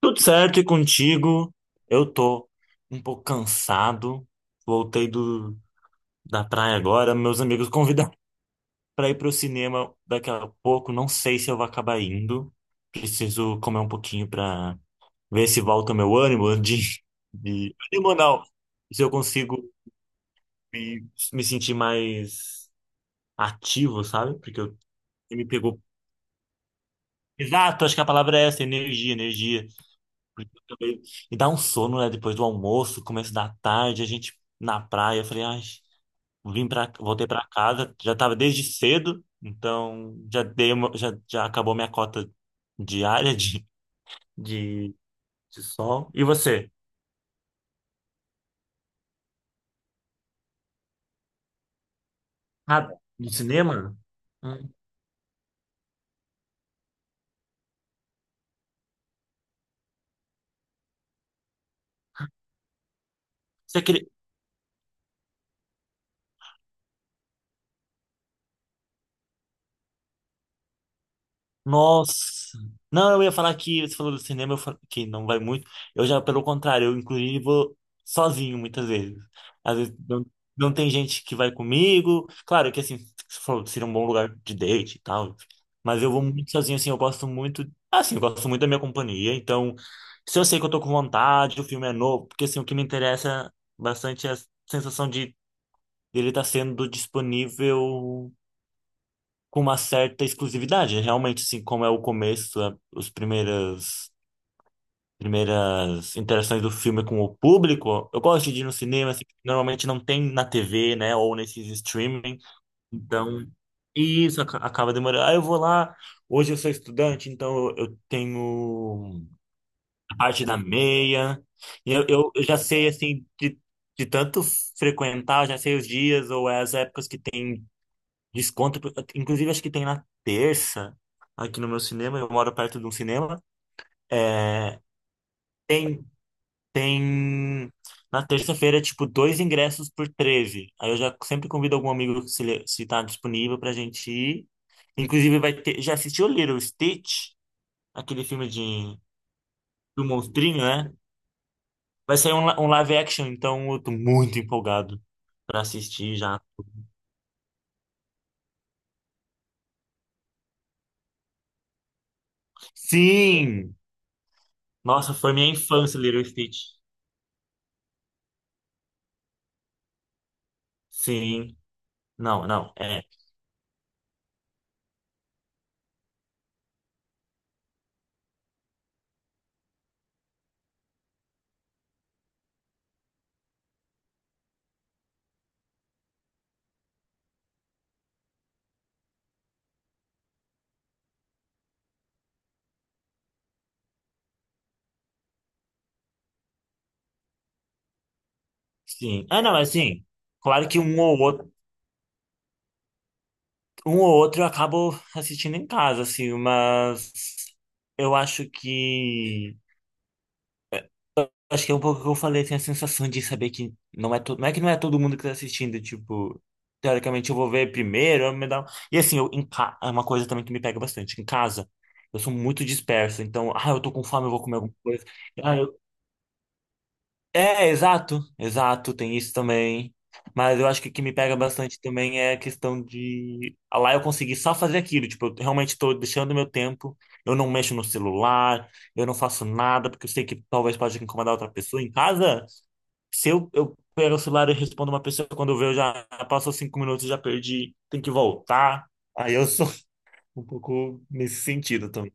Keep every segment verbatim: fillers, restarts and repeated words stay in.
Tudo certo e contigo? Eu tô um pouco cansado. Voltei do, da praia agora. Meus amigos convidaram para ir pro cinema daqui a pouco. Não sei se eu vou acabar indo. Preciso comer um pouquinho para ver se volta o meu ânimo de, de ânimo não. Se eu consigo me, me sentir mais ativo, sabe? Porque eu, me pegou. Exato, acho que a palavra é essa, energia, energia. Também. E dá um sono, né? Depois do almoço, começo da tarde, a gente na praia. Eu falei, ai, vim pra, voltei pra casa, já tava desde cedo, então já dei uma, já, já acabou minha cota diária de, de, de sol. E você? Ah, do cinema? Hum. Você, queria- Nossa. Não, eu ia falar que você falou do cinema, eu fa- que não vai muito. Eu já, pelo contrário, eu inclusive vou sozinho muitas vezes. Às vezes não, não tem gente que vai comigo. Claro que assim, você falou, seria um bom lugar de date e tal. Mas eu vou muito sozinho, assim, eu gosto muito. Assim, eu gosto muito da minha companhia. Então, se eu sei que eu tô com vontade, o filme é novo, porque assim, o que me interessa bastante é a sensação de ele estar sendo disponível com uma certa exclusividade. É Realmente, assim, como é o começo, a- os primeiras primeiras interações do filme com o público, eu gosto de ir no cinema, assim, porque normalmente não tem na T V, né, ou nesses streaming, então isso aca- acaba demorando. Aí eu vou lá, hoje eu sou estudante, então eu eu tenho a parte da meia, e eu, eu, eu já sei, assim, de, de tanto frequentar, já sei os dias ou as épocas que tem Desconto, inclusive acho que tem na terça, aqui no meu cinema, eu moro perto de um cinema. É, tem, tem na terça-feira, tipo, dois ingressos por treze. Aí eu já sempre convido algum amigo se, ele- se tá disponível pra gente ir. Inclusive vai ter, já assistiu Little Stitch? Aquele filme de, do monstrinho, né? Vai sair um, li- um live action, então eu tô muito empolgado pra assistir já. Sim! Nossa, foi minha infância, Little Stitch. Sim. Não, não. é, Sim. Ah, não, assim, claro que um ou outro, um ou outro eu acabo assistindo em casa, assim, mas eu acho que. Acho que é um pouco o que eu falei, tem a sensação de saber que não é, to... não é que não é todo mundo que tá assistindo, tipo, teoricamente eu vou ver primeiro, eu me dá. um- E assim, eu, em ca... é uma coisa também que me pega bastante, em casa. Eu sou muito disperso, então, ah, eu tô com fome, eu vou comer alguma coisa. É, exato, exato, tem isso também. Mas eu acho que o que me pega bastante também é a questão de ah, lá eu consegui só fazer aquilo, tipo, eu realmente tô deixando meu tempo, eu não mexo no celular, eu não faço nada, porque eu sei que talvez pode incomodar outra pessoa em casa. Se eu, eu pego o celular e respondo uma pessoa, quando eu vejo já passou cinco minutos, já perdi, tem que voltar. Aí eu sou um pouco nesse sentido também.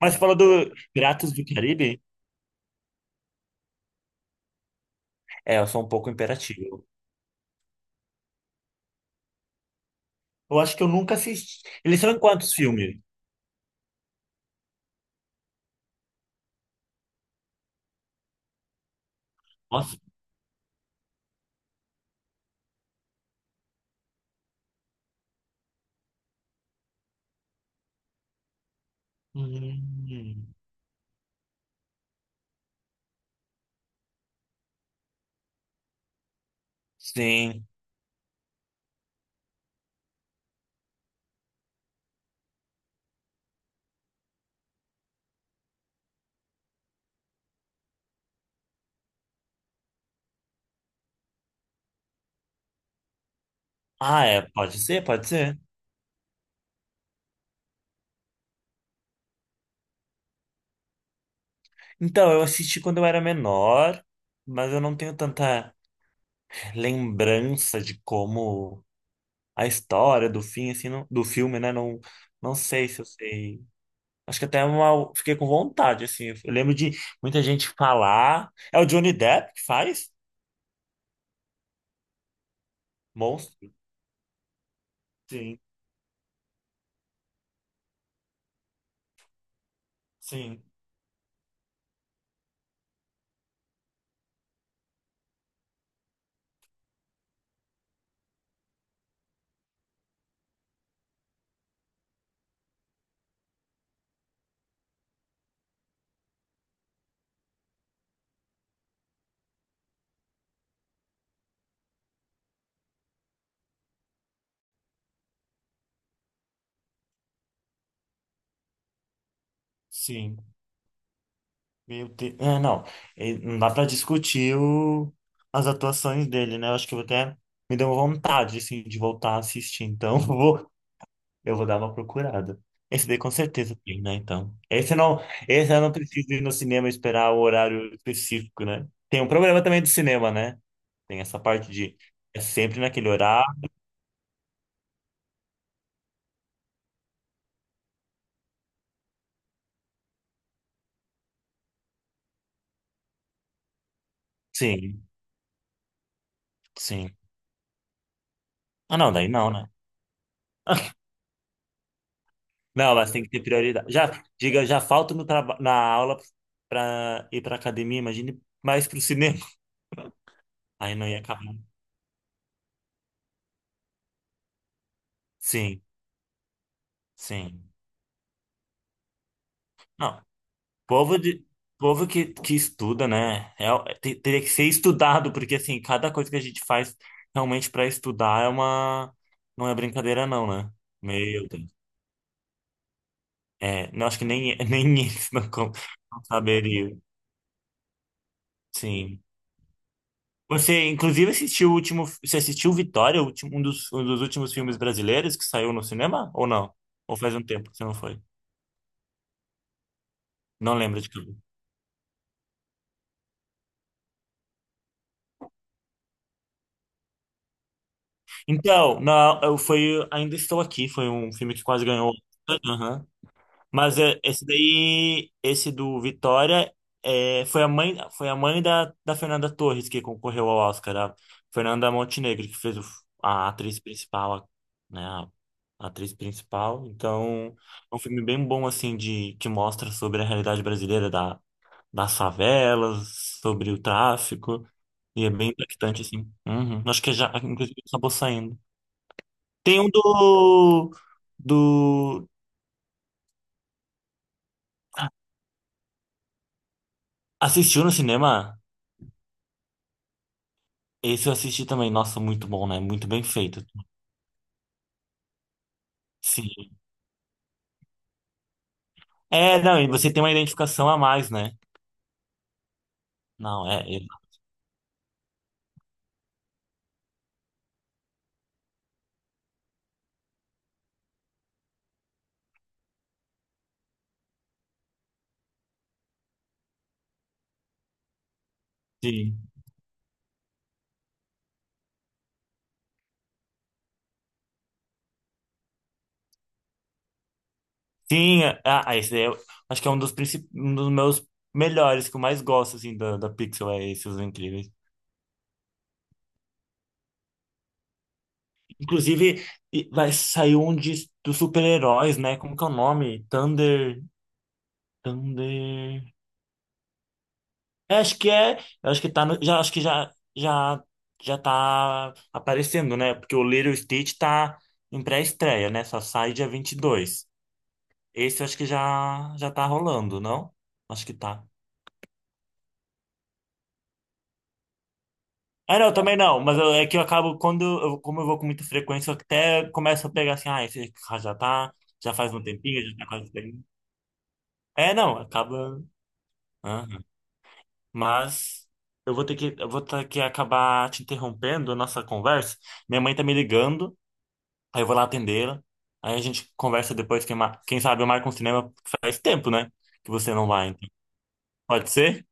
Mas fala do Piratas do Caribe, é, eu sou um pouco imperativo. Eu acho que eu nunca assisti. Eles são em quantos filmes? Nossa. Hum, sim. Ah, é. Pode ser, pode ser. Então, eu assisti quando eu era menor, mas eu não tenho tanta lembrança de como a história do fim, assim, não- do filme, né? Não, não sei se eu sei. Acho que até uma, fiquei com vontade, assim. Eu lembro de muita gente falar. É o Johnny Depp que faz? Monstro? Sim, sim, sim. Meu Deus. É, não. E Não dá pra discutir o... as atuações dele, né? Eu acho que eu vou até me deu vontade, assim, de voltar a assistir. Então, eu vou, eu vou dar uma procurada. Esse daí com certeza tem, né? Então, esse não, esse eu não preciso ir no cinema e esperar o horário específico, né? Tem um problema também do cinema, né? Tem essa parte de é sempre naquele horário. Sim, sim. Ah, não, daí não, né? Não, mas tem que ter prioridade. Já, diga, já falto no traba- na aula para ir para academia, imagine mais para o cinema. Aí não ia acabar. Sim, sim. Não, povo de povo que, que estuda, né? É, o- te- teria que ser estudado, porque assim, cada coisa que a gente faz realmente para estudar é uma não é brincadeira não, né? Meu Deus. É, não acho que nem nem eles não, con- não saberiam. Sim. Você, inclusive, assistiu o último. Você assistiu Vitória, o último- um dos, um dos últimos filmes brasileiros que saiu no cinema? Ou não? Ou faz um tempo que você não foi? Não lembro de tudo. Então, não, eu foi Ainda Estou Aqui, foi um filme que quase ganhou. Mas é, esse daí, esse do Vitória, é, foi a mãe, foi a mãe da, da Fernanda Torres que concorreu ao Oscar, a Fernanda Montenegro, que fez o- a atriz principal, né? A atriz principal. Então, é um filme bem bom, assim, de, que mostra sobre a realidade brasileira da, das favelas, sobre o tráfico, e é bem impactante, assim. Uhum. Acho que já, inclusive, acabou saindo. Tem um do, do... Assistiu no cinema? Esse eu assisti também. Nossa, muito bom, né? Muito bem feito. Sim. É, não, e você tem uma identificação a mais, né? Não, é. É- Sim. Sim, ah, ah, esse daí eu acho que é um dos, princip... um dos meus melhores, que eu mais gosto, assim, da, da Pixel, é esse, Os Incríveis. Inclusive, e vai sair um de, dos super-heróis, né? Como que é o nome? Thunder... Thunder... É, acho que é, eu acho que tá no, já acho que já já já tá aparecendo, né? Porque o Lilo e Stitch tá em pré-estreia, né? Só sai dia vinte e dois. Esse eu acho que já já tá rolando, não? Acho que tá. Ah, não, também não, mas eu- é que eu acabo quando eu, como eu vou com muita frequência, eu até começo a pegar assim, ah, esse já tá, já faz um tempinho, já tá quase terminando. É, não, acaba. Aham. Mas eu vou ter que eu vou ter que acabar te interrompendo a nossa conversa. Minha mãe tá me ligando. Aí eu vou lá atender, aí a gente conversa depois, quem, ma- quem sabe eu marco um cinema, porque faz tempo, né? Que você não vai, então. Pode ser?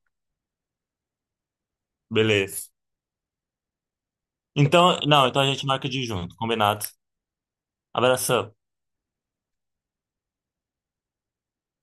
Beleza. Então, não, então a gente marca de ir junto, combinado. Abração.